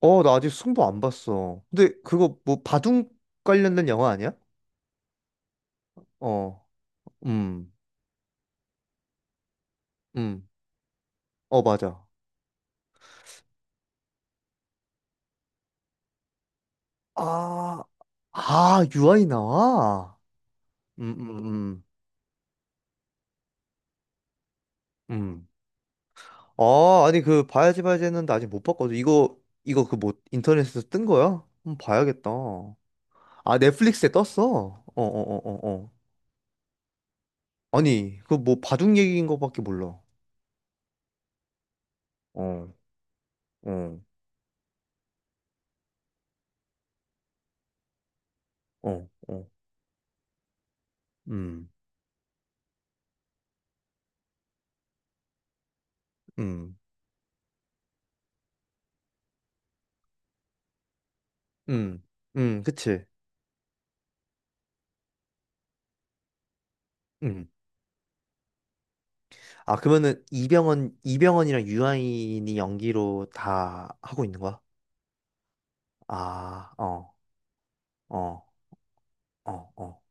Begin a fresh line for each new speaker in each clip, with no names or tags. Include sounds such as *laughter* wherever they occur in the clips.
어, 나 아직 승부 안 봤어. 근데 그거 뭐 바둑 관련된 영화 아니야? 어, 음, 음, 어, 맞아. 아, 아, 유아이 나와? 음, 음, 음, 음. 아, 아니 그 봐야지 봐야지 했는데 아직 못 봤거든. 이거 그 뭐 인터넷에서 뜬 거야? 한번 봐야겠다. 아, 넷플릭스에 떴어. 어, 어, 어, 어, 어. 아니, 그 뭐 바둑 얘기인 거밖에 몰라. 어, 어, 어, 어. 음, 음, 음, 그치. 음. 아, 그러면은 이병헌이랑 유아인이 연기로 다 하고 있는 거야? 아, 어, 어, 어, 어,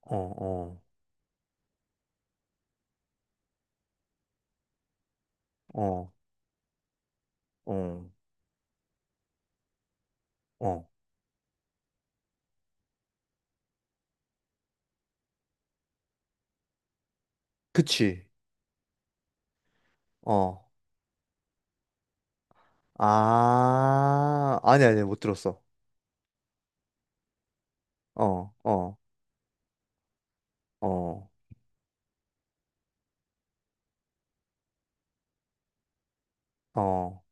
어, 어, 어, 어, 어. 그치. 어. 아, 아니, 아니, 못 들었어. 어, 어, 어, 어.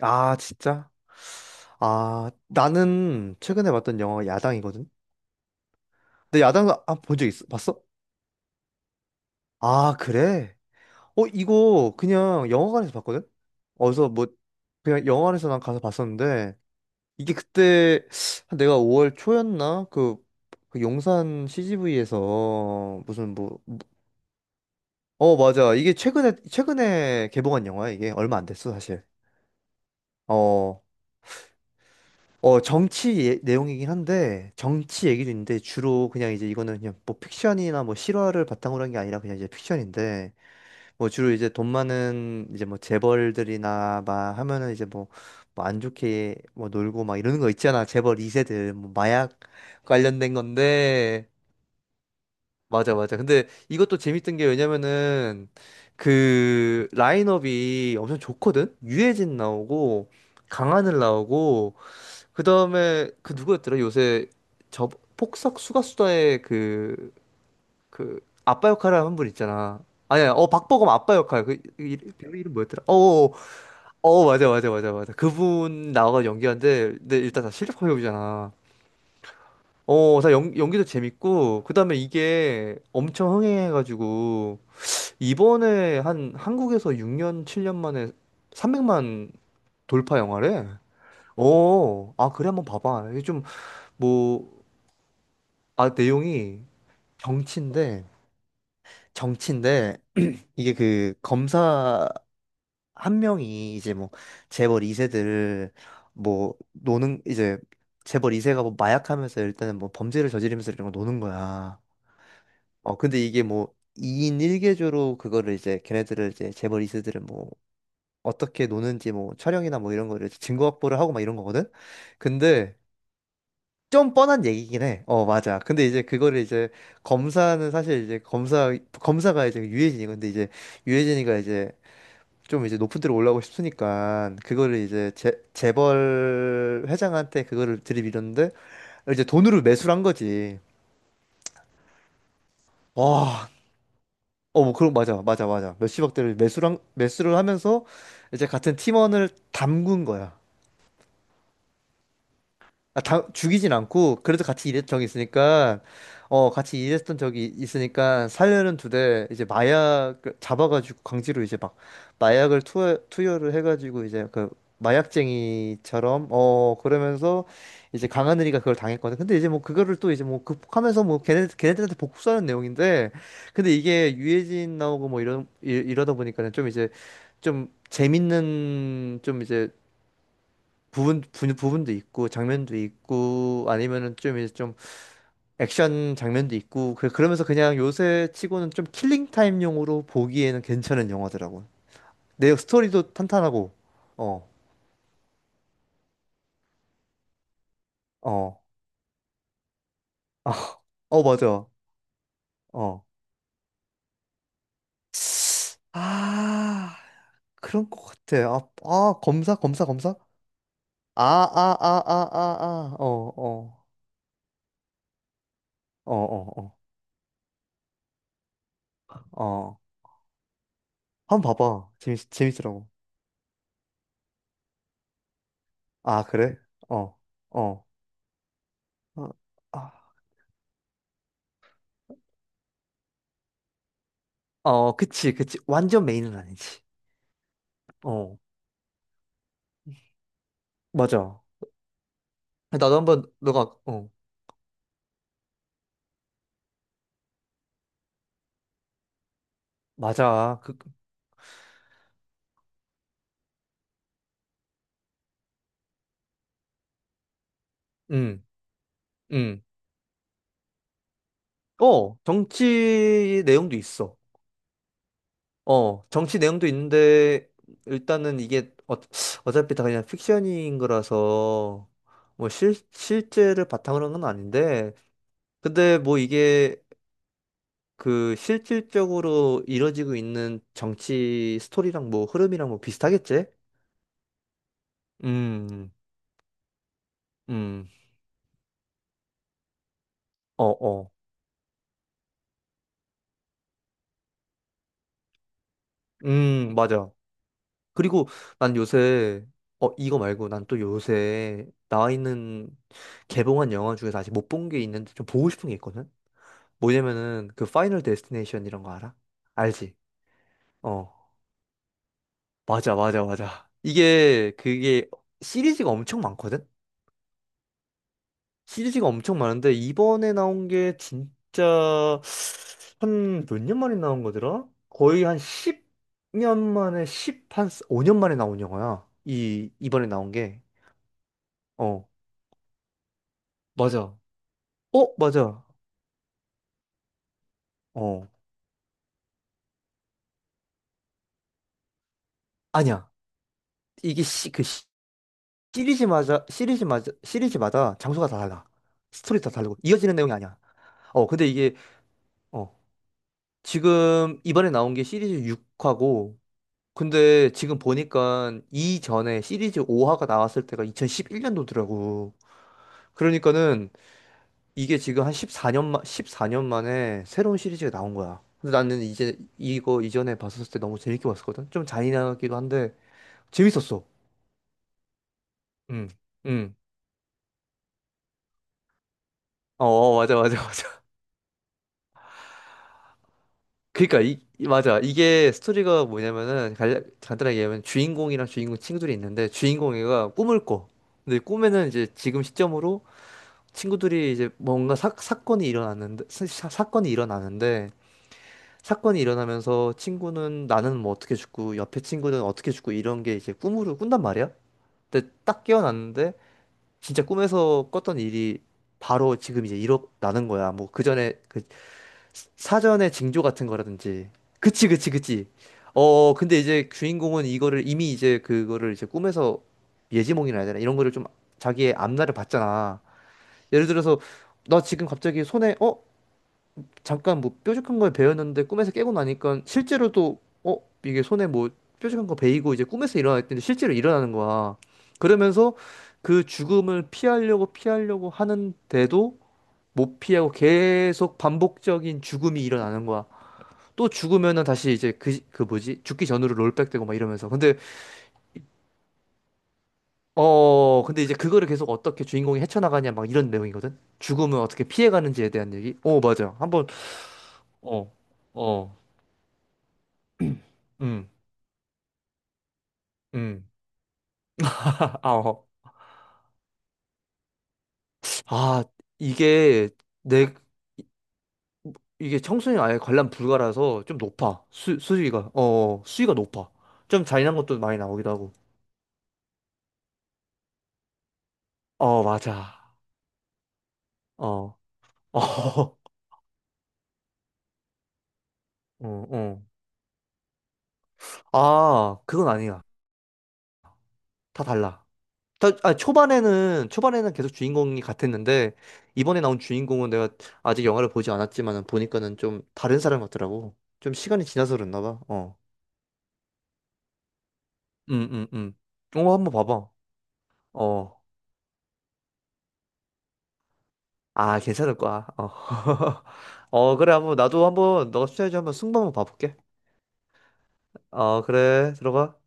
아, 진짜? 아, 나는 최근에 봤던 영화가 야당이거든? 근데 야당, 아, 본 적 있어? 봤어? 아, 그래? 어, 이거 그냥 영화관에서 봤거든? 어디서 뭐, 그냥 영화관에서 난 가서 봤었는데, 이게 그때, 한 내가 5월 초였나? 그 용산 CGV에서 무슨 뭐, 어, 맞아. 이게 최근에 개봉한 영화야, 이게. 얼마 안 됐어, 사실. 어, 어, 정치 내용이긴 한데, 정치 얘기도 있는데, 주로 그냥 이제 이거는 그냥 뭐 픽션이나 뭐 실화를 바탕으로 한 게 아니라 그냥 이제 픽션인데, 뭐 주로 이제 돈 많은 이제 뭐 재벌들이나 막 하면은 이제 뭐 안 좋게 뭐 놀고 막 이러는 거 있잖아. 재벌 2세들 뭐 마약 관련된 건데 맞아 맞아. 근데 이것도 재밌던 게 왜냐면은 그 라인업이 엄청 좋거든. 유해진 나오고 강하늘 나오고 그다음에 그 누구였더라? 요새 저 폭싹 수가수다의 그 아빠 역할 하는 분 있잖아. 아니야, 어 박보검 아빠 역할 그 배우 이름 뭐였더라? 어, 어, 어 어, 맞아 맞아 맞아 맞아. 그분 나와가 연기한데, 근데 일단 다 실력 배우잖아. 어, 다 연기도 재밌고, 그다음에 이게 엄청 흥행해가지고 이번에 한 한국에서 6년 7년 만에 300만 돌파 영화래. 어, 아 그래 한번 봐봐. 이게 좀 뭐, 아 내용이 정치인데 정치인데 이게 그 검사 한 명이 이제 뭐 재벌 2세들 뭐 노는 이제 재벌 2세가 뭐 마약하면서 일단은 뭐 범죄를 저지르면서 이런 거 노는 거야. 어 근데 이게 뭐 2인 1개조로 그거를 이제 걔네들을 이제 재벌 2세들은 뭐 어떻게 노는지 뭐 촬영이나 뭐 이런 거를 증거 확보를 하고 막 이런 거거든. 근데 좀 뻔한 얘기긴 해. 어 맞아. 근데 이제 그거를 이제 검사는 사실 이제 검사가 이제 유해진이 근데 이제 유해진이가 이제 좀 이제 높은 데로 올라오고 싶으니까 그거를 이제 재벌 회장한테 그거를 들이밀었는데 이제 돈으로 매수를 한 거지. 와, 어, 뭐 그런 맞아, 맞아, 맞아. 몇십억대를 매수를 하면서 이제 같은 팀원을 담근 거야. 아, 다 죽이진 않고 그래도 같이 일했던 적이 있으니까 살려는 두대 이제 마약 잡아가지고 강제로 이제 막 마약을 투여를 해가지고 이제 그 마약쟁이처럼 어 그러면서 이제 강하늘이가 그걸 당했거든. 근데 이제 뭐 그거를 또 이제 뭐 극복하면서 뭐 걔네들한테 복수하는 내용인데 근데 이게 유해진 나오고 뭐 이런 이러다 보니까는 좀 이제 좀 재밌는 좀 이제 부분도 있고 장면도 있고 아니면은 좀 이제 좀 액션 장면도 있고 그러면서 그냥 요새 치고는 좀 킬링 타임용으로 보기에는 괜찮은 영화더라고. 내역 스토리도 탄탄하고 어, 어, 아, 어 맞아. 어. 아, 그런 것 같아. 아, 아, 검사? 아, 아, 아, 아, 아, 아. 어, 어. 어, 어, 어. 어. 한번 봐봐. 재밌더라고. 아, 그래? 어. 어. 어. 아. 어, 그치, 그치. 완전 메인은 아니지. 어, 맞아. 나도 한번, 너가, 어, 맞아. 그, 음, 음. 어, 정치 내용도 있어. 어, 정치 내용도 있는데, 일단은 이게, 어, 어차피 다 그냥 픽션인 거라서, 뭐, 실제를 바탕으로 한 건 아닌데, 근데 뭐 이게, 그, 실질적으로 이뤄지고 있는 정치 스토리랑 뭐, 흐름이랑 뭐 비슷하겠지? 음, 음. 어, 어. 맞아. 그리고 난 요새, 어, 이거 말고 난 또 요새 나와 있는 개봉한 영화 중에서 아직 못 본 게 있는데 좀 보고 싶은 게 있거든? 뭐냐면은 그 파이널 데스티네이션 이런 거 알아? 알지? 어, 맞아, 맞아, 맞아. 이게, 그게 시리즈가 엄청 많거든? 시리즈가 엄청 많은데 이번에 나온 게 진짜 한 몇 년 만에 나온 거더라? 거의 한 10년 만에 한 5년 만에 나온 영화야. 이번에 나온 게. 어, 맞아. 어, 맞아. 어, 아니야. 이게 시, 그 시, 시리즈마다, 시리즈마다, 시리즈마다 장소가 다 달라. 스토리 다 다르고, 이어지는 내용이 아니야. 어, 근데 이게, 어, 지금 이번에 나온 게 시리즈 6화고, 근데 지금 보니까 이전에 시리즈 5화가 나왔을 때가 2011년도더라고. 그러니까는 이게 지금 한 14년만 14년 만에 새로운 시리즈가 나온 거야. 근데 나는 이제 이거 이전에 봤었을 때 너무 재밌게 봤었거든? 좀 잔인하기도 한데, 재밌었어. 음, 음. 어, 맞아, 맞아, 맞아. *laughs* 그러니까 맞아. 이게 스토리가 뭐냐면은 간단하게 얘기하면 주인공이랑 주인공 친구들이 있는데 주인공이가 꿈을 꿔. 근데 꿈에는 이제 지금 시점으로 친구들이 이제 뭔가 사건이 일어났는데 사건이 일어나는데 사건이 일어나면서 친구는 나는 뭐 어떻게 죽고 옆에 친구는 어떻게 죽고 이런 게 이제 꿈으로 꾼단 말이야. 근데 딱 깨어났는데 진짜 꿈에서 꿨던 일이 바로 지금 이제 일어나는 거야. 뭐 그 전에 그 사전에 징조 같은 거라든지. 그치, 그치, 그치. 어, 근데 이제 주인공은 이거를 이미 이제 그거를 이제 꿈에서 예지몽이라 해야 되나? 이런 거를 좀 자기의 앞날을 봤잖아. 예를 들어서 나 지금 갑자기 손에 어? 잠깐 뭐 뾰족한 걸 베었는데 꿈에서 깨고 나니까 실제로도 어? 이게 손에 뭐 뾰족한 거 베이고 이제 꿈에서 일어났는데 실제로 일어나는 거야. 그러면서 그 죽음을 피하려고 피하려고 하는데도 못 피하고 계속 반복적인 죽음이 일어나는 거야. 또 죽으면은 다시 이제 그 뭐지? 죽기 전으로 롤백되고 막 이러면서. 근데, 어, 근데 이제 그거를 계속 어떻게 주인공이 헤쳐나가냐 막 이런 내용이거든? 죽음을 어떻게 피해가는지에 대한 얘기? 어, 맞아. 한번, 어, 어, 음, 음. 아, 어. 아, 이게 내, 이게 청소년 아예 관람 불가라서 좀 높아. 수위가, 어, 어, 수위가 높아. 좀 잔인한 것도 많이 나오기도 하고. 어, 맞아. 어, *laughs* 어, 어, 어. 아, 그건 아니야. 다 달라. 아, 초반에는 계속 주인공이 같았는데 이번에 나온 주인공은 내가 아직 영화를 보지 않았지만 보니까는 좀 다른 사람 같더라고. 좀 시간이 지나서 그랬나 봐. 어. 음, 음, 음. 어, 한번 봐봐. 어. 아, 괜찮을 거야. 어. *laughs* 어, 그래. 한번 나도 한번 너가 추천해줘 한번 승부 한번 봐볼게. 어, 그래. 들어가.